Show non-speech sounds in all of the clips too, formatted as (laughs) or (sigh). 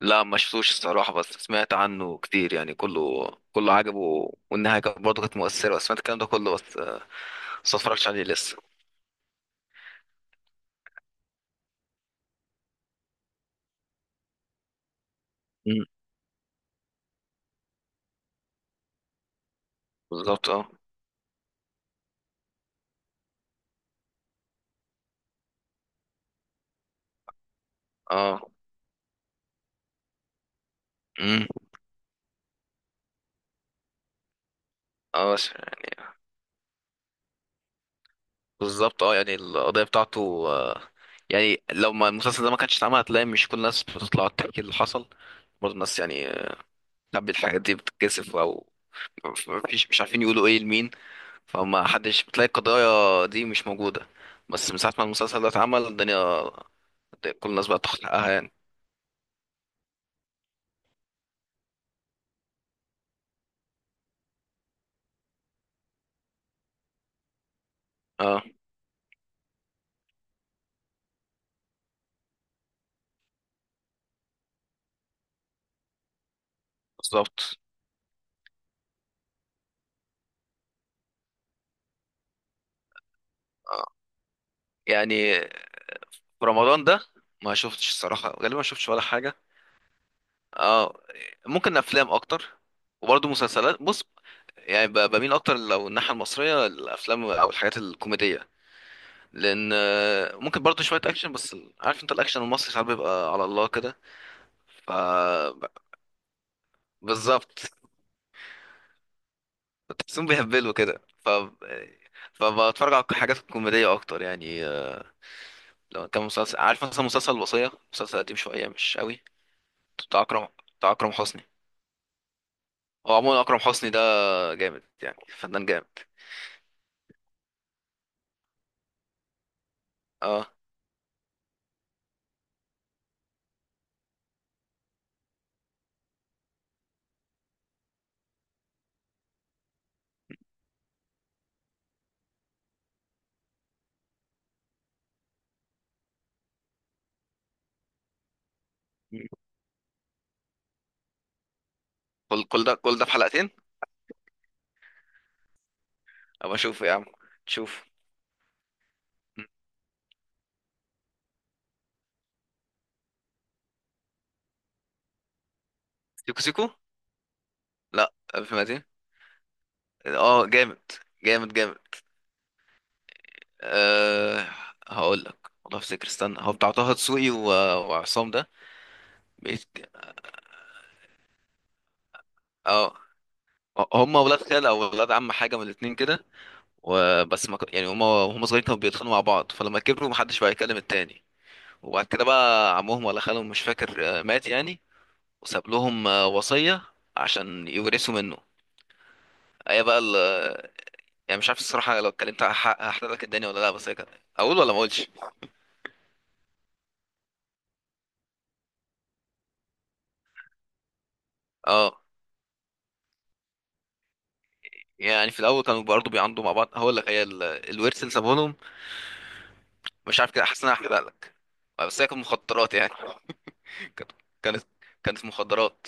لا، ما شفتوش الصراحة، بس سمعت عنه كتير، يعني كله عجبه، والنهاية كانت برضه كانت مؤثرة، بس سمعت الكلام ده كله، بس بس ما اتفرجتش عليه لسه. مم. بالظبط، اه. اه. مم. اه، بالظبط، اه. يعني القضية بتاعته، يعني لو ما المسلسل ده ما كانش اتعمل، هتلاقي مش كل الناس بتطلع تحكي اللي حصل. برضه الناس، يعني تحب الحاجات دي، بتتكسف او مفيش، مش عارفين يقولوا ايه لمين. فما حدش، بتلاقي القضايا دي مش موجودة. بس من ساعة ما المسلسل ده اتعمل، الدنيا كل الناس بقى تاخد حقها يعني. اه. بالظبط. آه. يعني في رمضان ده، ما شفتش الصراحة، غالبا ما شفتش ولا حاجة. اه. ممكن افلام اكتر، وبرضه مسلسلات. بص، يعني بميل اكتر لو الناحية المصرية، الافلام او الحاجات الكوميدية، لان ممكن برضه شوية اكشن، بس ال- عارف انت، الاكشن المصري ساعات بيبقى على الله كده. ف ب- بالظبط. (laughs) تحسهم بيهبلوا كده، ف فبتفرج على الحاجات الكوميدية اكتر يعني. لو كان مسلسل، عارف مثلا مسلسل الوصية، مسلسل قديم شوية مش قوي، بتاع أكرم، بتاع أكرم حسني. هو عموما أكرم حسني ده جامد، يعني فنان جامد. اه. كل ده، كل ده في حلقتين؟ أبقى أشوف يا عم. تشوف. سيكو سيكو. لا، ألف ميتين. اه، جامد. جامد جامد. أه. هقول لك والله، افتكر، استنى، هو بتاع طه دسوقي و- وعصام ده. بيت- اه، هم ولاد خال او ولاد عم، حاجه من الاتنين كده. وبس، ما ك- يعني هما، وهم صغيرين كانوا بيتخانقوا مع بعض، فلما كبروا محدش بقى يكلم التاني. وبعد كده بقى عمهم ولا خالهم، مش فاكر، مات يعني. وساب لهم وصية عشان يورثوا منه. هي بقى ال- يعني مش عارف الصراحة، لو اتكلمت، هحرق لك الدنيا ولا لا، بس هي كده. أقول ولا ما أقولش؟ اه. يعني في الأول كانوا برضه بيعاندوا مع بعض. هقول لك، هي ال- الورث اللي سابه لهم. مش عارف كده، حاسس إن أنا هحرق لك، بس هي كانت مخدرات يعني. (laughs) كانت كانت كانت مخدرات.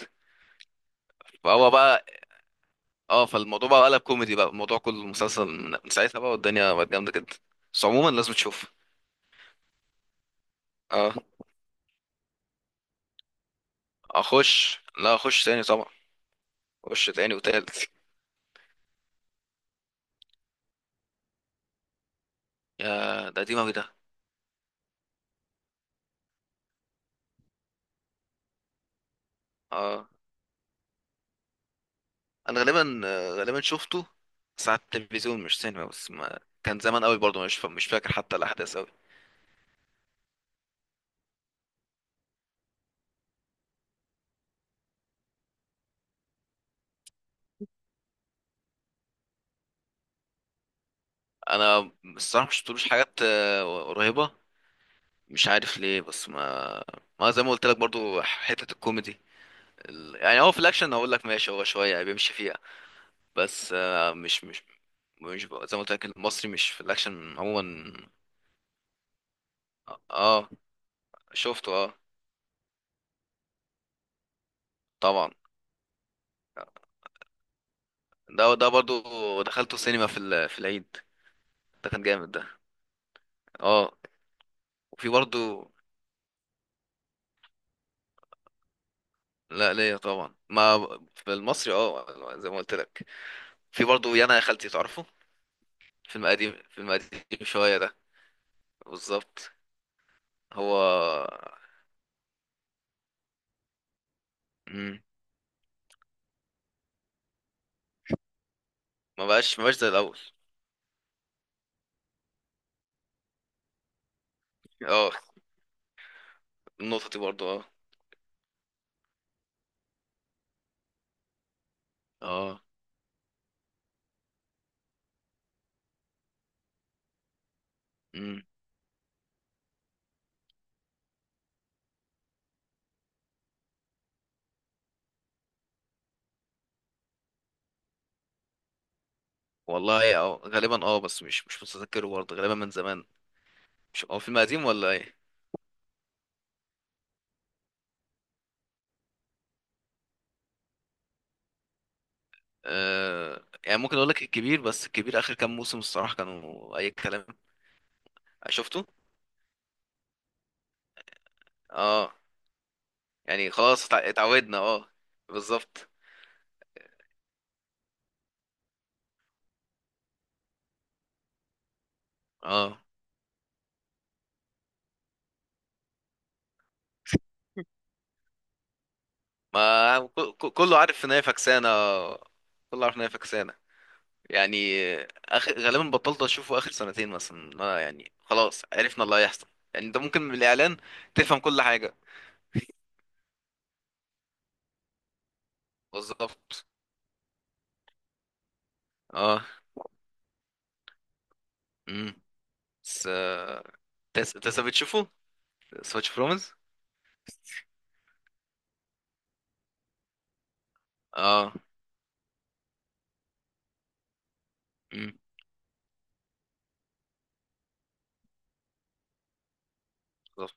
فهو بقى، اه. فالموضوع بقى قلب كوميدي، بقى الموضوع كله مسلسل من ساعتها، بقى والدنيا بقت جامدة جدا. بس عموما لازم تشوف. اه. اخش، لا، اخش تاني طبعا. اخش تاني وتالت. يا ده قديم اوي ده. اه. انا غالبا غالبا شفته، ساعة التلفزيون مش سينما، بس ما كان زمان قوي برضه، مش فاكر حتى الاحداث قوي. انا الصراحة مش شفتلوش حاجات قريبة. مش عارف ليه، بس ما زي ما قلت لك، برضه حتة الكوميدي. ال- يعني هو في الاكشن هقول لك ماشي، هو شوية بيمشي فيه. بس مش مش بقى- زي ما قلت لك، المصري مش في الاكشن عموما. اه. شفته. اه، طبعا. ده برضو دخلته سينما في ال- في العيد. ده كان جامد ده. اه. وفي برضو. لا، ليا طبعا، ما في المصري اه، زي ما قلت لك. في برضو، يانا يا خالتي، تعرفه. فيلم قديم، فيلم قديم شويه ده. بالظبط. هو. مم. ما بقاش زي الاول. اه. النقطه دي برضو اه. اه والله اه، غالبا اه، بس مش، مش متذكره برضه غالبا، من زمان. مش هو فيلم قديم ولا ايه؟ آه، يعني ممكن اقول لك الكبير، بس الكبير اخر كام موسم الصراحه كانوا اي كلام. شفته. اه. يعني خلاص اتعودنا، اه. بالظبط. اه. ما كله عارف ان هي فكسانه، كله عارف ان هي فكسانه. يعني اخر غالبا بطلت اشوفه اخر سنتين مثلا، ما يعني خلاص عرفنا اللي هيحصل. يعني انت ممكن من الاعلان تفهم كل حاجه. بالظبط. اه. امم. بس أنت لسه بتشوفه؟ لسه بتشوف رومز؟ اه. امم. بالظبط.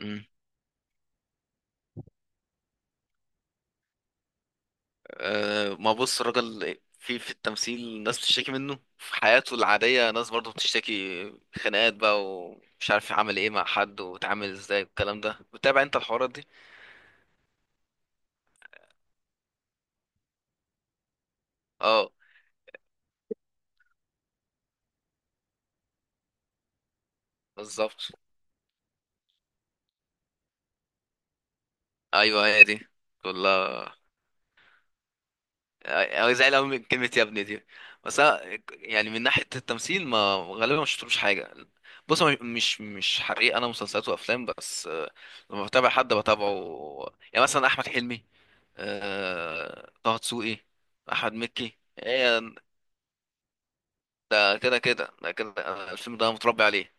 امم. ما بص، الراجل في في التمثيل، ناس بتشتكي منه، في حياته العادية ناس برضه بتشتكي. خناقات بقى، ومش عارف عمل ايه مع حد واتعامل ازاي، والكلام ده بتتابع انت الحوارات دي؟ اه. بالظبط. ايوه، هي دي. كلها. أو زعل أوي من كلمة يا ابني دي. بس أنا يعني من ناحية التمثيل، ما غالبا ما شفتلوش حاجة. بص، هو مش، مش حريق. أنا مسلسلات وأفلام، بس لما بتابع حد بتابعه. يعني مثلا أحمد حلمي، طه دسوقي، أحمد مكي، إيه. ده كده ده كده، أنا الفيلم ده متربي عليه.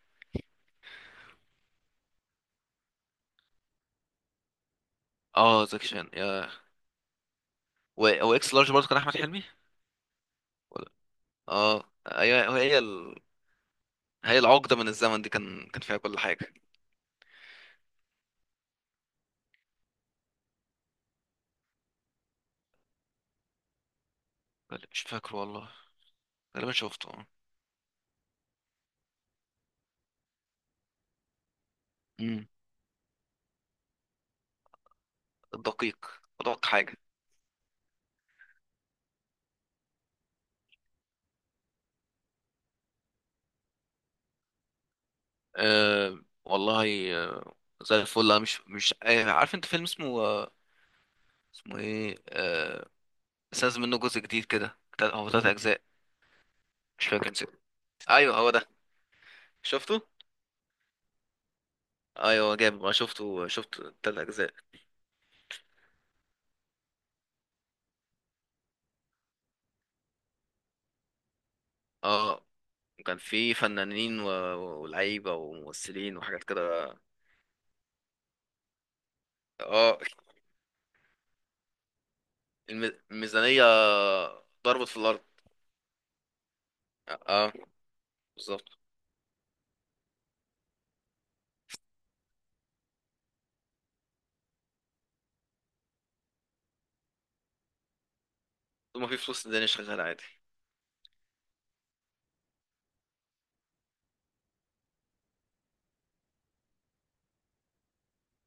اه، زكي شان يا. و- هو اكس لارج برضه كان أحمد حلمي، ولا. اه، أيوة، هي ال... هي العقدة من الزمن دي كان فيها كل حاجة. مش فاكر والله، غالبا شفته. مم. الدقيق. ادق حاجه. أه، والله أه، زي الفل. أنا مش، مش عارف انت فيلم اسمه، أه، اسمه ايه، أه، بس نازل منه جزء جديد كده، تلات- هو تلات اجزاء. مش فاكر، نسيت. ايوه، هو ده. شفته. ايوه جامد، ما شفته، شفت. تلات اجزاء. اه. وكان في فنانين و- ولاعيبه وممثلين وحاجات كده. اه. الميزانيه ضربت في الارض. اه. بالظبط. طول ما في فلوس، الدنيا شغاله عادي.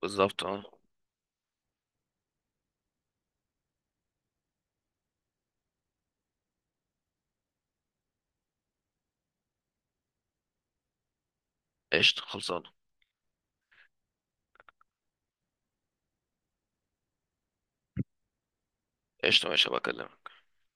بالظبط. اه. قشطة، خلصان. قشطة، ماشي، هبقى أكلمك.